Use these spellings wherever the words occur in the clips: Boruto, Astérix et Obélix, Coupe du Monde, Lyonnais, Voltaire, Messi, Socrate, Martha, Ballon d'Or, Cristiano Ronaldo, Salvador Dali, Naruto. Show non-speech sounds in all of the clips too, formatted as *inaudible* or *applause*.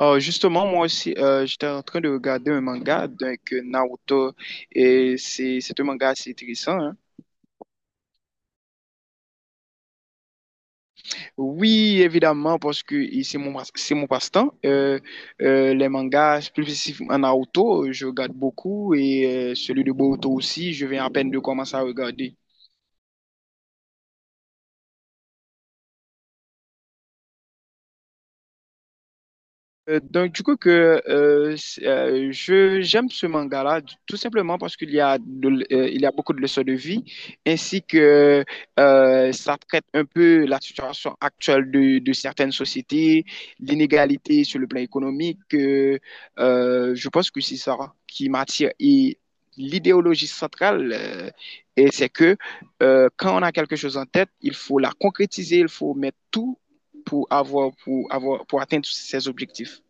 Justement, moi aussi, j'étais en train de regarder un manga, donc Naruto, et c'est un manga assez intéressant, hein. Oui, évidemment, parce que c'est c'est mon passe-temps. Les mangas, plus spécifiquement Naruto, je regarde beaucoup, et celui de Boruto aussi, je viens à peine de commencer à regarder. Donc, du coup, que, c'est- je, J'aime ce manga-là, tout simplement parce qu'il y a de l- il y a beaucoup de leçons de vie, ainsi que ça traite un peu la situation actuelle de certaines sociétés, l'inégalité sur le plan économique. Je pense que c'est ça qui m'attire. L'idéologie centrale, c'est que quand on a quelque chose en tête, il faut la concrétiser, il faut mettre tout pour pour atteindre ses objectifs.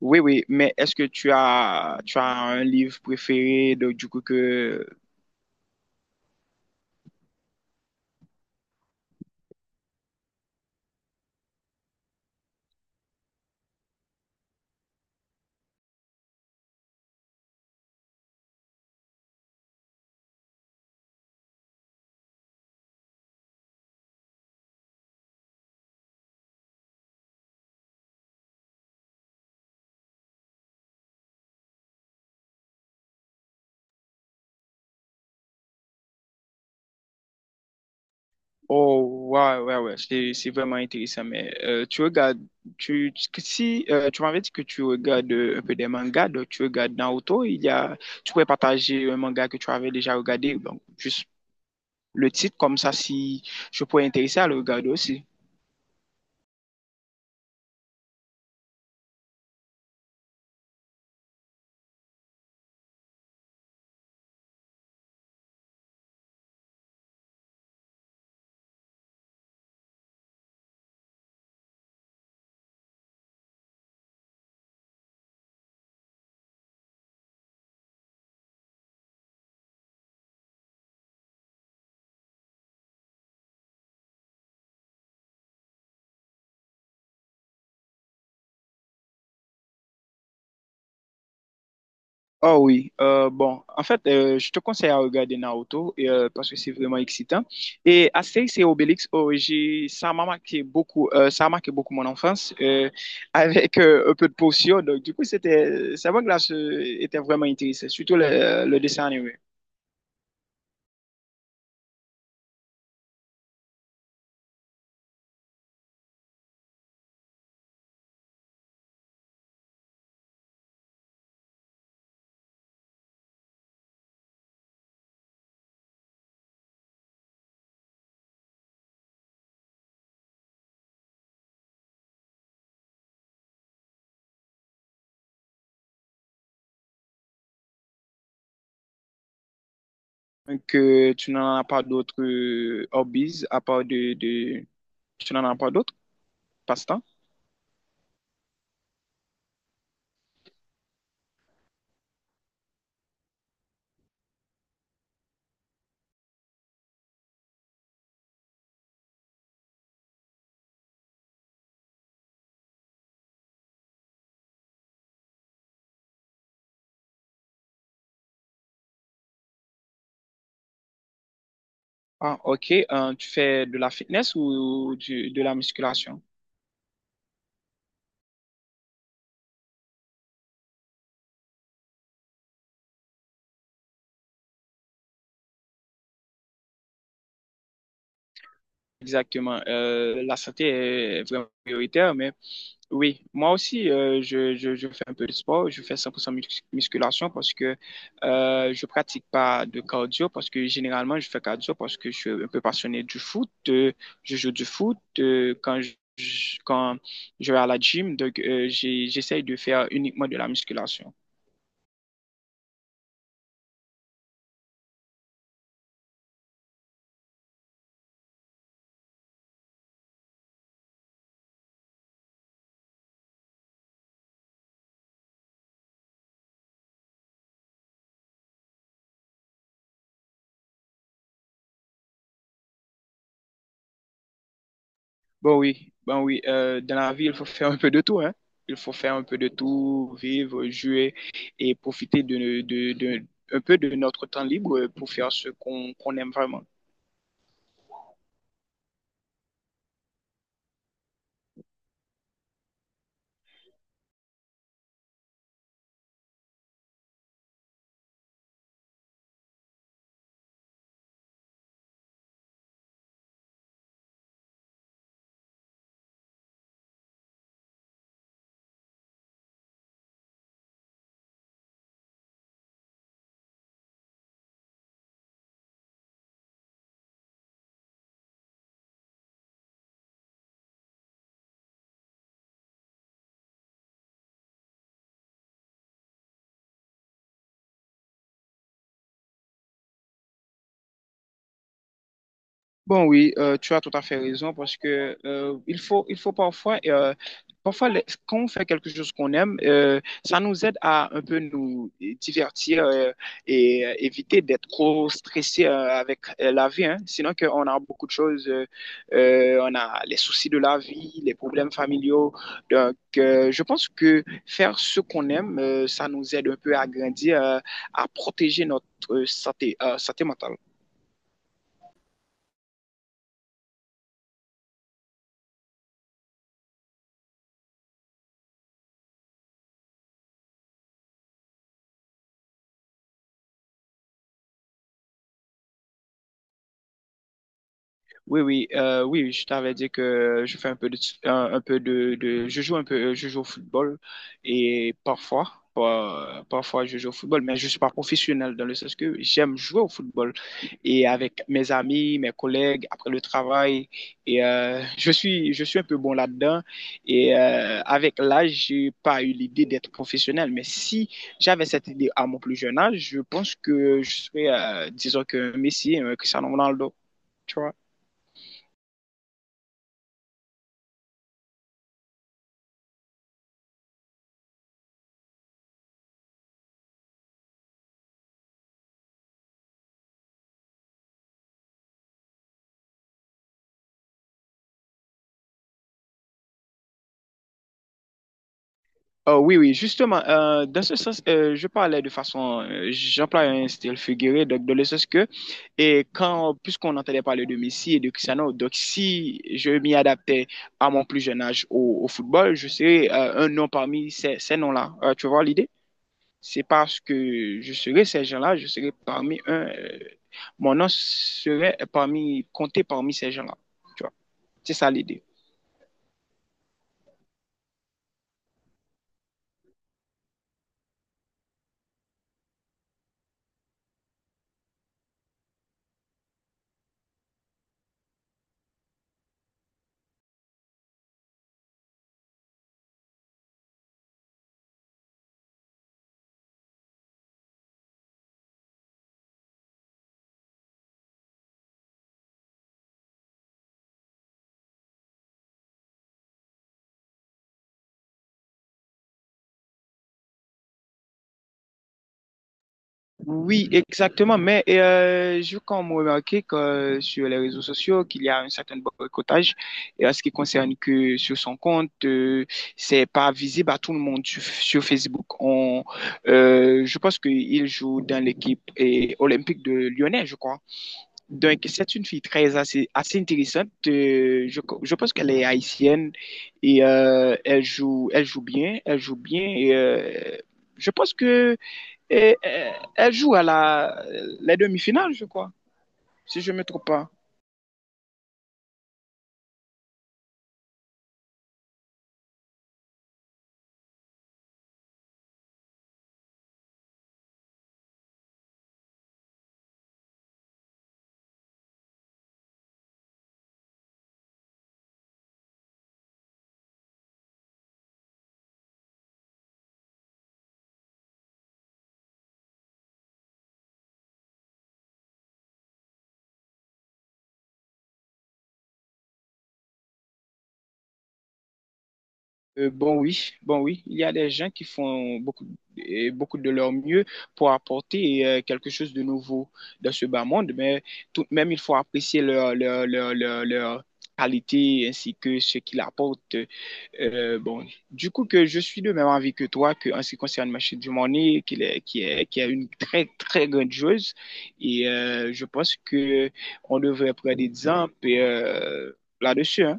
Oui, oui, mais est-ce que tu as un livre préféré du coup que... Oh, ouais, c'est vraiment intéressant, mais tu regardes, tu- que si tu m'avais dit que tu regardes un peu des mangas, donc tu regardes Naruto, tu pourrais partager un manga que tu avais déjà regardé, donc juste le titre, comme ça, si je pourrais intéresser à le regarder aussi. Oh oui, bon, en fait, je te conseille à regarder Naruto parce que c'est vraiment excitant. Et Astérix et Obélix, ça m'a marqué beaucoup, ça a marqué beaucoup mon enfance *laughs* avec un peu de potion. Donc, du coup, ça m'a glace était vraiment intéressant, surtout le dessin animé. Donc, tu n'en as pas d'autres hobbies à part de, tu n'en as pas d'autres passe-temps? Ah, ok. Tu fais de la fitness ou de la musculation? Exactement. La santé est vraiment prioritaire, mais oui, moi aussi, je fais un peu de sport. Je fais 100% musculation parce que je pratique pas de cardio, parce que généralement, je fais cardio parce que je suis un peu passionné du foot. Je joue du foot quand je vais à la gym, donc j'essaye de faire uniquement de la musculation. Bon oui, dans la vie, il faut faire un peu de tout, hein. Il faut faire un peu de tout, vivre, jouer et profiter un peu de notre temps libre pour faire ce qu'on aime vraiment. Bon, oui, tu as tout à fait raison parce que il faut parfois, quand on fait quelque chose qu'on aime, ça nous aide à un peu nous divertir et éviter d'être trop stressé avec la vie, hein. Sinon, que on a beaucoup de choses, on a les soucis de la vie, les problèmes familiaux. Donc, je pense que faire ce qu'on aime, ça nous aide un peu à grandir, à protéger notre santé mentale. Oui, oui, oui, je t'avais dit que je fais un peu de, je joue un peu, je joue au football et parfois je joue au football, mais je suis pas professionnel dans le sens que j'aime jouer au football et avec mes amis, mes collègues après le travail et je suis un peu bon là-dedans et avec l'âge, j'ai pas eu l'idée d'être professionnel, mais si j'avais cette idée à mon plus jeune âge, je pense que je serais, disons que Messi, un Cristiano Ronaldo. Oh, oui, oui, justement, dans ce sens, je parlais de façon, j'emploie un style figuré, donc dans le sens que, puisqu'on entendait parler de Messi et de Cristiano, donc si je m'y adaptais à mon plus jeune âge au football, je serais un nom parmi ces noms-là. Tu vois l'idée? C'est parce que je serais ces gens-là, je serais parmi, mon nom serait parmi, compté parmi ces gens-là. Tu vois, c'est ça l'idée. Oui, exactement. Mais je compte remarquer que sur les réseaux sociaux, qu'il y a un certain boycottage. Et à ce qui concerne que sur son compte, c'est pas visible à tout le monde sur Facebook. Je pense qu'il joue dans l'équipe et olympique de Lyonnais, je crois. Donc, c'est une fille très assez, assez intéressante. Je pense qu'elle est haïtienne et elle joue bien, elle joue bien. Et, je pense que et elle joue à la, les demi-finales, je crois, si je ne me trompe pas. Bon oui, il y a des gens qui font beaucoup, et beaucoup de leur mieux pour apporter quelque chose de nouveau dans ce bas monde, mais tout de même, il faut apprécier leur qualité ainsi que ce qu'ils apportent. Bon, du coup que je suis de même avis que toi que en ce qui concerne Machine du Money, qu'il est, qui est, qui est une très très grandiose. Et je pense que on devrait prendre des exemples là-dessus, hein.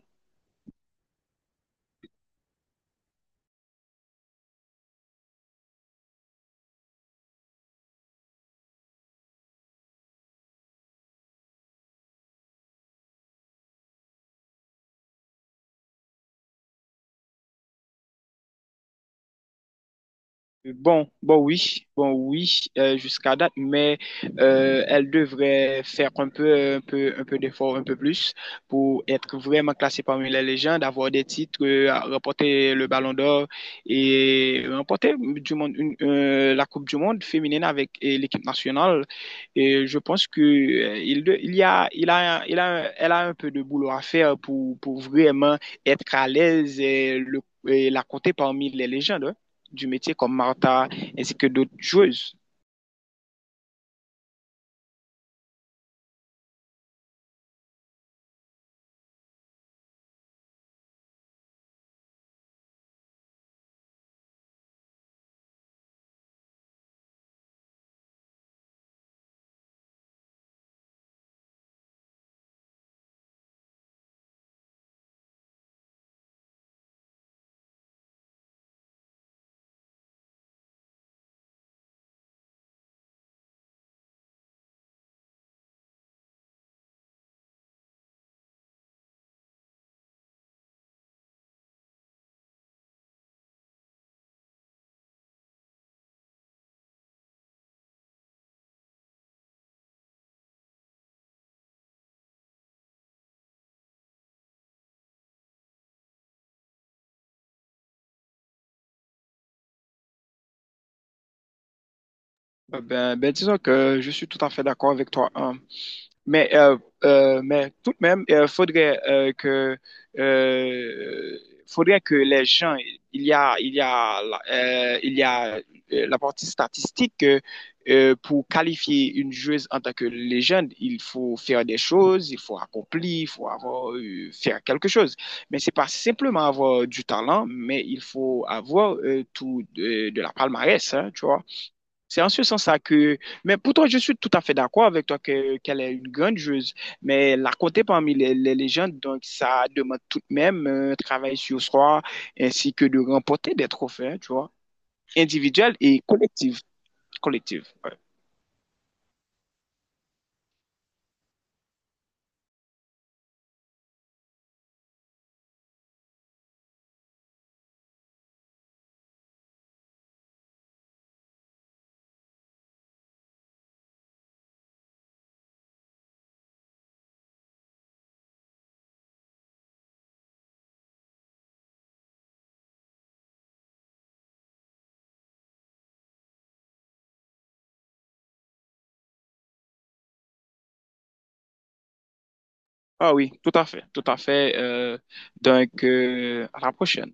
Bon, bon oui, jusqu'à date, mais elle devrait faire un peu d'effort, un peu plus pour être vraiment classée parmi les légendes, avoir des titres, à remporter le Ballon d'Or et remporter la Coupe du Monde féminine avec l'équipe nationale. Et je pense que il, de- il y a, il a, il a, elle a un peu de boulot à faire pour vraiment être à l'aise et la compter parmi les légendes, hein, du métier comme Martha ainsi que d'autres joueuses. Disons que je suis tout à fait d'accord avec toi, hein. Mais, euh, mais tout de même, il faudrait, euh, faudrait que les gens, il y a, il y a, il y a la partie statistique que pour qualifier une joueuse en tant que légende, il faut faire des choses, il faut accomplir, faire quelque chose. Mais c'est pas simplement avoir du talent, mais il faut avoir de la palmarès, hein, tu vois. C'est en ce sens-là que, mais pourtant, je suis tout à fait d'accord avec toi que, qu'elle est une grande joueuse, mais la compter parmi les légendes, donc ça demande tout de même un travail sur soi, ainsi que de remporter des trophées, hein, tu vois, individuels et collectifs. Collectif, ouais. Ah oui, tout à fait, tout à fait. Donc, à la prochaine.